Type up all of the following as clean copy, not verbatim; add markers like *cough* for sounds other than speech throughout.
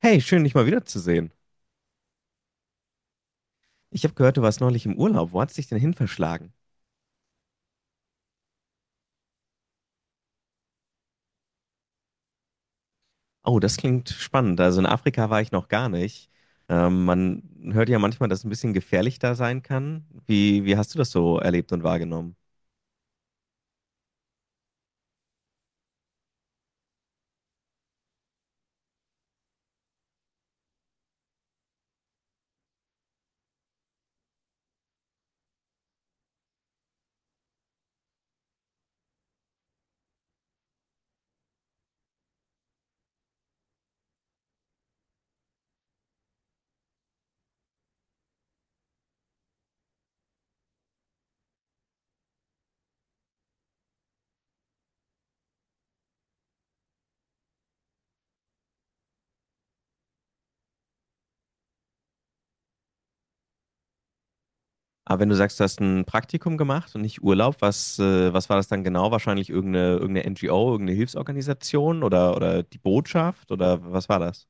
Hey, schön, dich mal wiederzusehen. Ich habe gehört, du warst neulich im Urlaub. Wo hat's dich denn hin verschlagen? Oh, das klingt spannend. Also in Afrika war ich noch gar nicht. Man hört ja manchmal, dass es ein bisschen gefährlich da sein kann. Wie hast du das so erlebt und wahrgenommen? Aber wenn du sagst, du hast ein Praktikum gemacht und nicht Urlaub, was, was war das dann genau? Wahrscheinlich irgendeine NGO, irgendeine Hilfsorganisation oder die Botschaft oder was war das?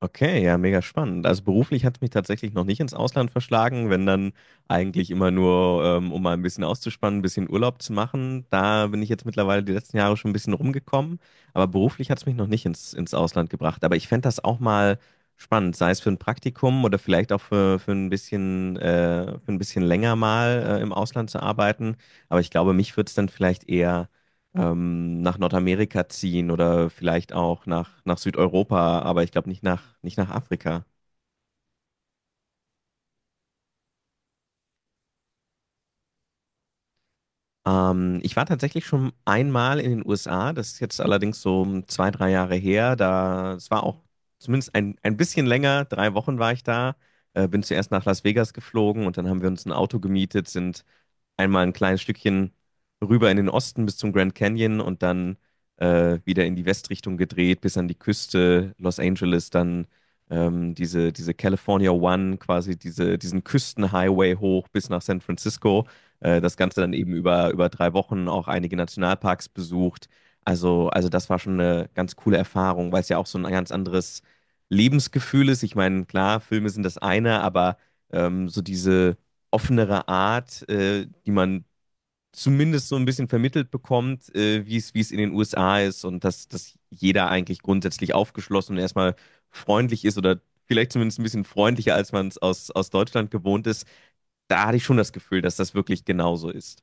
Okay, ja, mega spannend. Also beruflich hat es mich tatsächlich noch nicht ins Ausland verschlagen, wenn dann eigentlich immer nur, um mal ein bisschen auszuspannen, ein bisschen Urlaub zu machen. Da bin ich jetzt mittlerweile die letzten Jahre schon ein bisschen rumgekommen, aber beruflich hat es mich noch nicht ins Ausland gebracht. Aber ich fände das auch mal spannend, sei es für ein Praktikum oder vielleicht auch für ein bisschen länger mal, im Ausland zu arbeiten. Aber ich glaube, mich würde es dann vielleicht eher nach Nordamerika ziehen oder vielleicht auch nach, nach Südeuropa, aber ich glaube nicht nach, nicht nach Afrika. Ich war tatsächlich schon einmal in den USA, das ist jetzt allerdings so um zwei, 3 Jahre her. Da, es war auch zumindest ein bisschen länger, 3 Wochen war ich da. Bin zuerst nach Las Vegas geflogen und dann haben wir uns ein Auto gemietet, sind einmal ein kleines Stückchen rüber in den Osten bis zum Grand Canyon und dann wieder in die Westrichtung gedreht, bis an die Küste Los Angeles, dann diese California 1, quasi diesen Küstenhighway hoch bis nach San Francisco. Das Ganze dann eben über 3 Wochen auch einige Nationalparks besucht. Also das war schon eine ganz coole Erfahrung, weil es ja auch so ein ganz anderes Lebensgefühl ist. Ich meine, klar, Filme sind das eine, aber so diese offenere Art, die man zumindest so ein bisschen vermittelt bekommt, wie es in den USA ist und dass, dass jeder eigentlich grundsätzlich aufgeschlossen und erstmal freundlich ist oder vielleicht zumindest ein bisschen freundlicher, als man es aus Deutschland gewohnt ist. Da hatte ich schon das Gefühl, dass das wirklich genauso ist.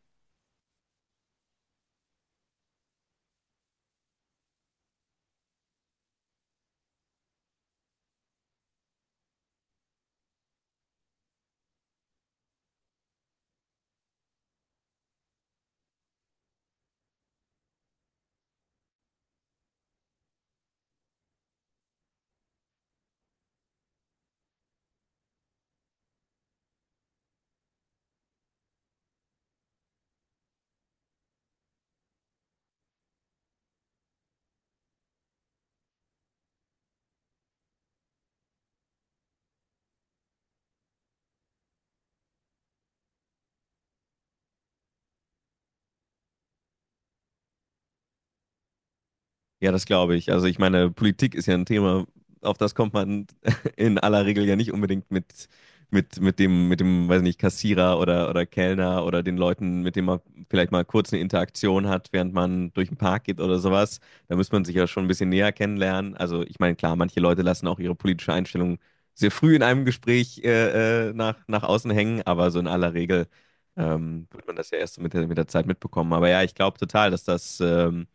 Ja, das glaube ich. Also ich meine, Politik ist ja ein Thema, auf das kommt man *laughs* in aller Regel ja nicht unbedingt mit, mit dem, weiß nicht, Kassierer oder Kellner oder den Leuten, mit denen man vielleicht mal kurz eine Interaktion hat, während man durch den Park geht oder sowas. Da muss man sich ja schon ein bisschen näher kennenlernen. Also ich meine, klar, manche Leute lassen auch ihre politische Einstellung sehr früh in einem Gespräch nach außen hängen, aber so in aller Regel wird man das ja erst so mit der Zeit mitbekommen. Aber ja, ich glaube total, Ähm,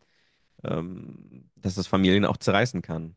ähm, dass das Familien auch zerreißen kann.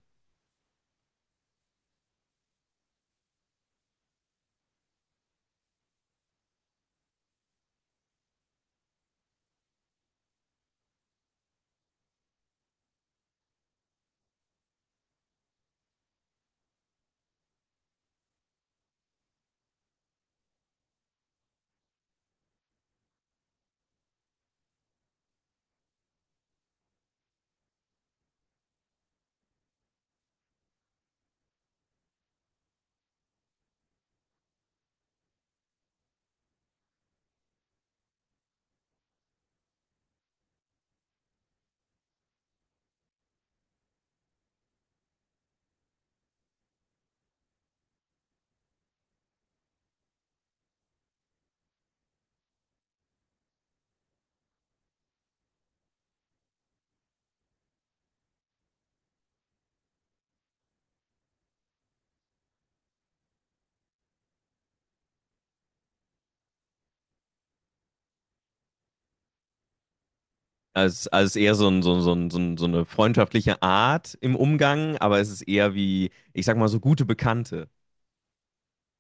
Also als eher so, so eine freundschaftliche Art im Umgang, aber es ist eher wie, ich sag mal, so gute Bekannte.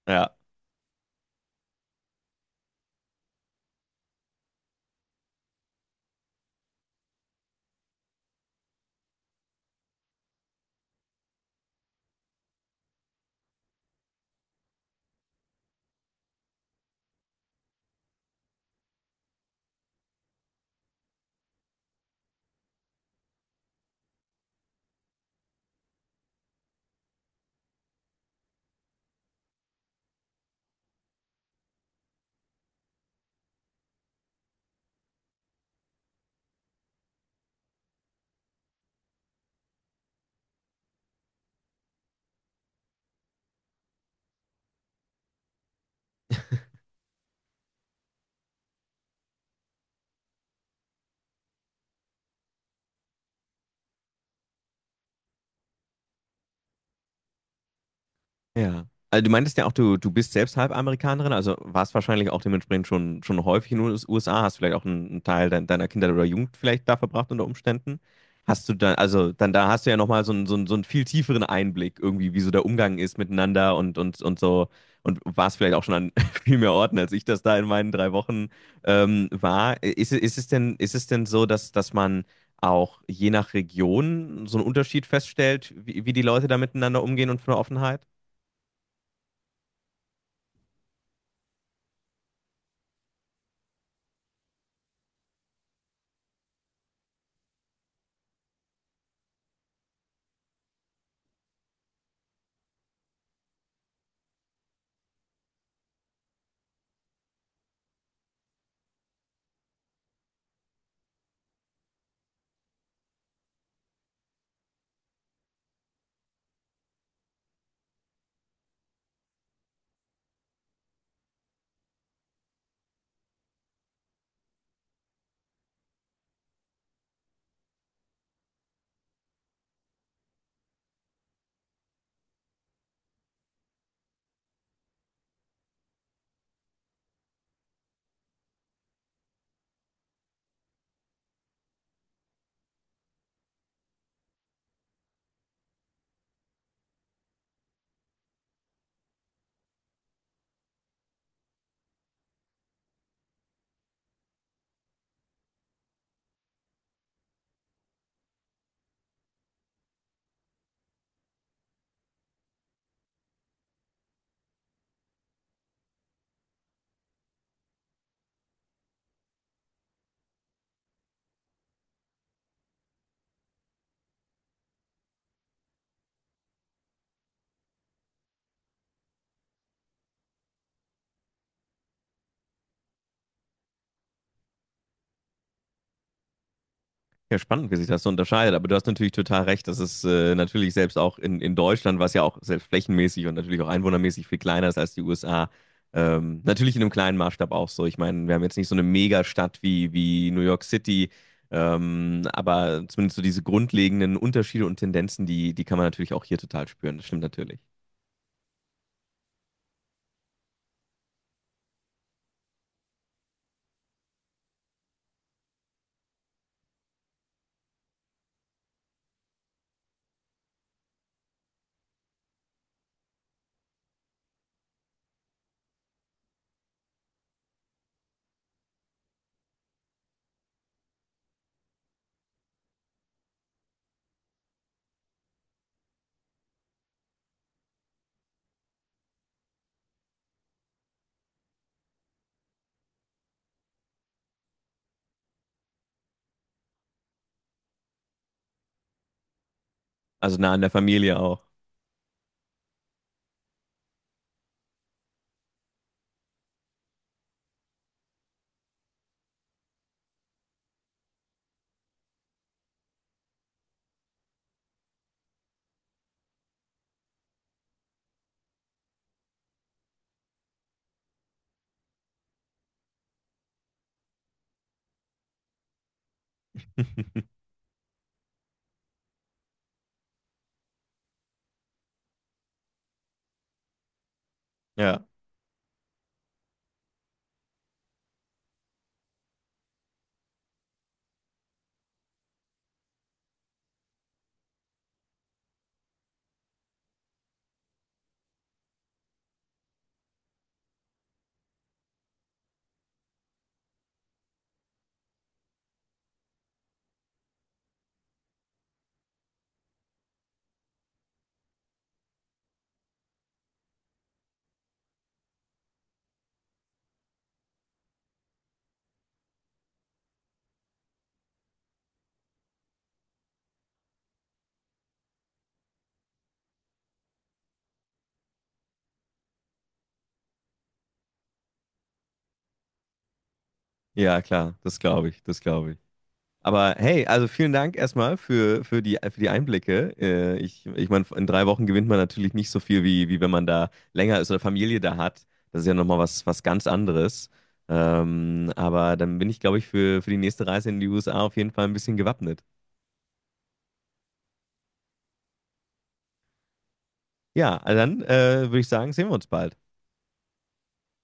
Ja. Ja. Also du meintest ja auch, du bist selbst halb Amerikanerin, also warst wahrscheinlich auch dementsprechend schon häufig in den USA, hast vielleicht auch einen Teil deiner Kindheit oder Jugend vielleicht da verbracht unter Umständen. Hast du dann, also dann da hast du ja nochmal so einen viel tieferen Einblick irgendwie, wie so der Umgang ist miteinander und so und warst vielleicht auch schon an *laughs* viel mehr Orten, als ich das da in meinen 3 Wochen war. Ist es denn so, dass, dass man auch je nach Region so einen Unterschied feststellt, wie, wie die Leute da miteinander umgehen und von der Offenheit? Ja, spannend, wie sich das so unterscheidet. Aber du hast natürlich total recht, dass es natürlich selbst auch in Deutschland, was ja auch selbst flächenmäßig und natürlich auch einwohnermäßig viel kleiner ist als die USA, natürlich in einem kleinen Maßstab auch so. Ich meine, wir haben jetzt nicht so eine Megastadt wie New York City, aber zumindest so diese grundlegenden Unterschiede und Tendenzen, die kann man natürlich auch hier total spüren. Das stimmt natürlich. Also nah an der Familie auch. *laughs* Ja, ja, klar, das glaube ich, das glaube ich. Aber hey, also vielen Dank erstmal für, für die Einblicke. Ich meine, in 3 Wochen gewinnt man natürlich nicht so viel, wie wenn man da länger ist oder Familie da hat. Das ist ja nochmal was, was ganz anderes. Aber dann bin ich, glaube ich, für die nächste Reise in die USA auf jeden Fall ein bisschen gewappnet. Ja, also dann würde ich sagen, sehen wir uns bald.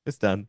Bis dann.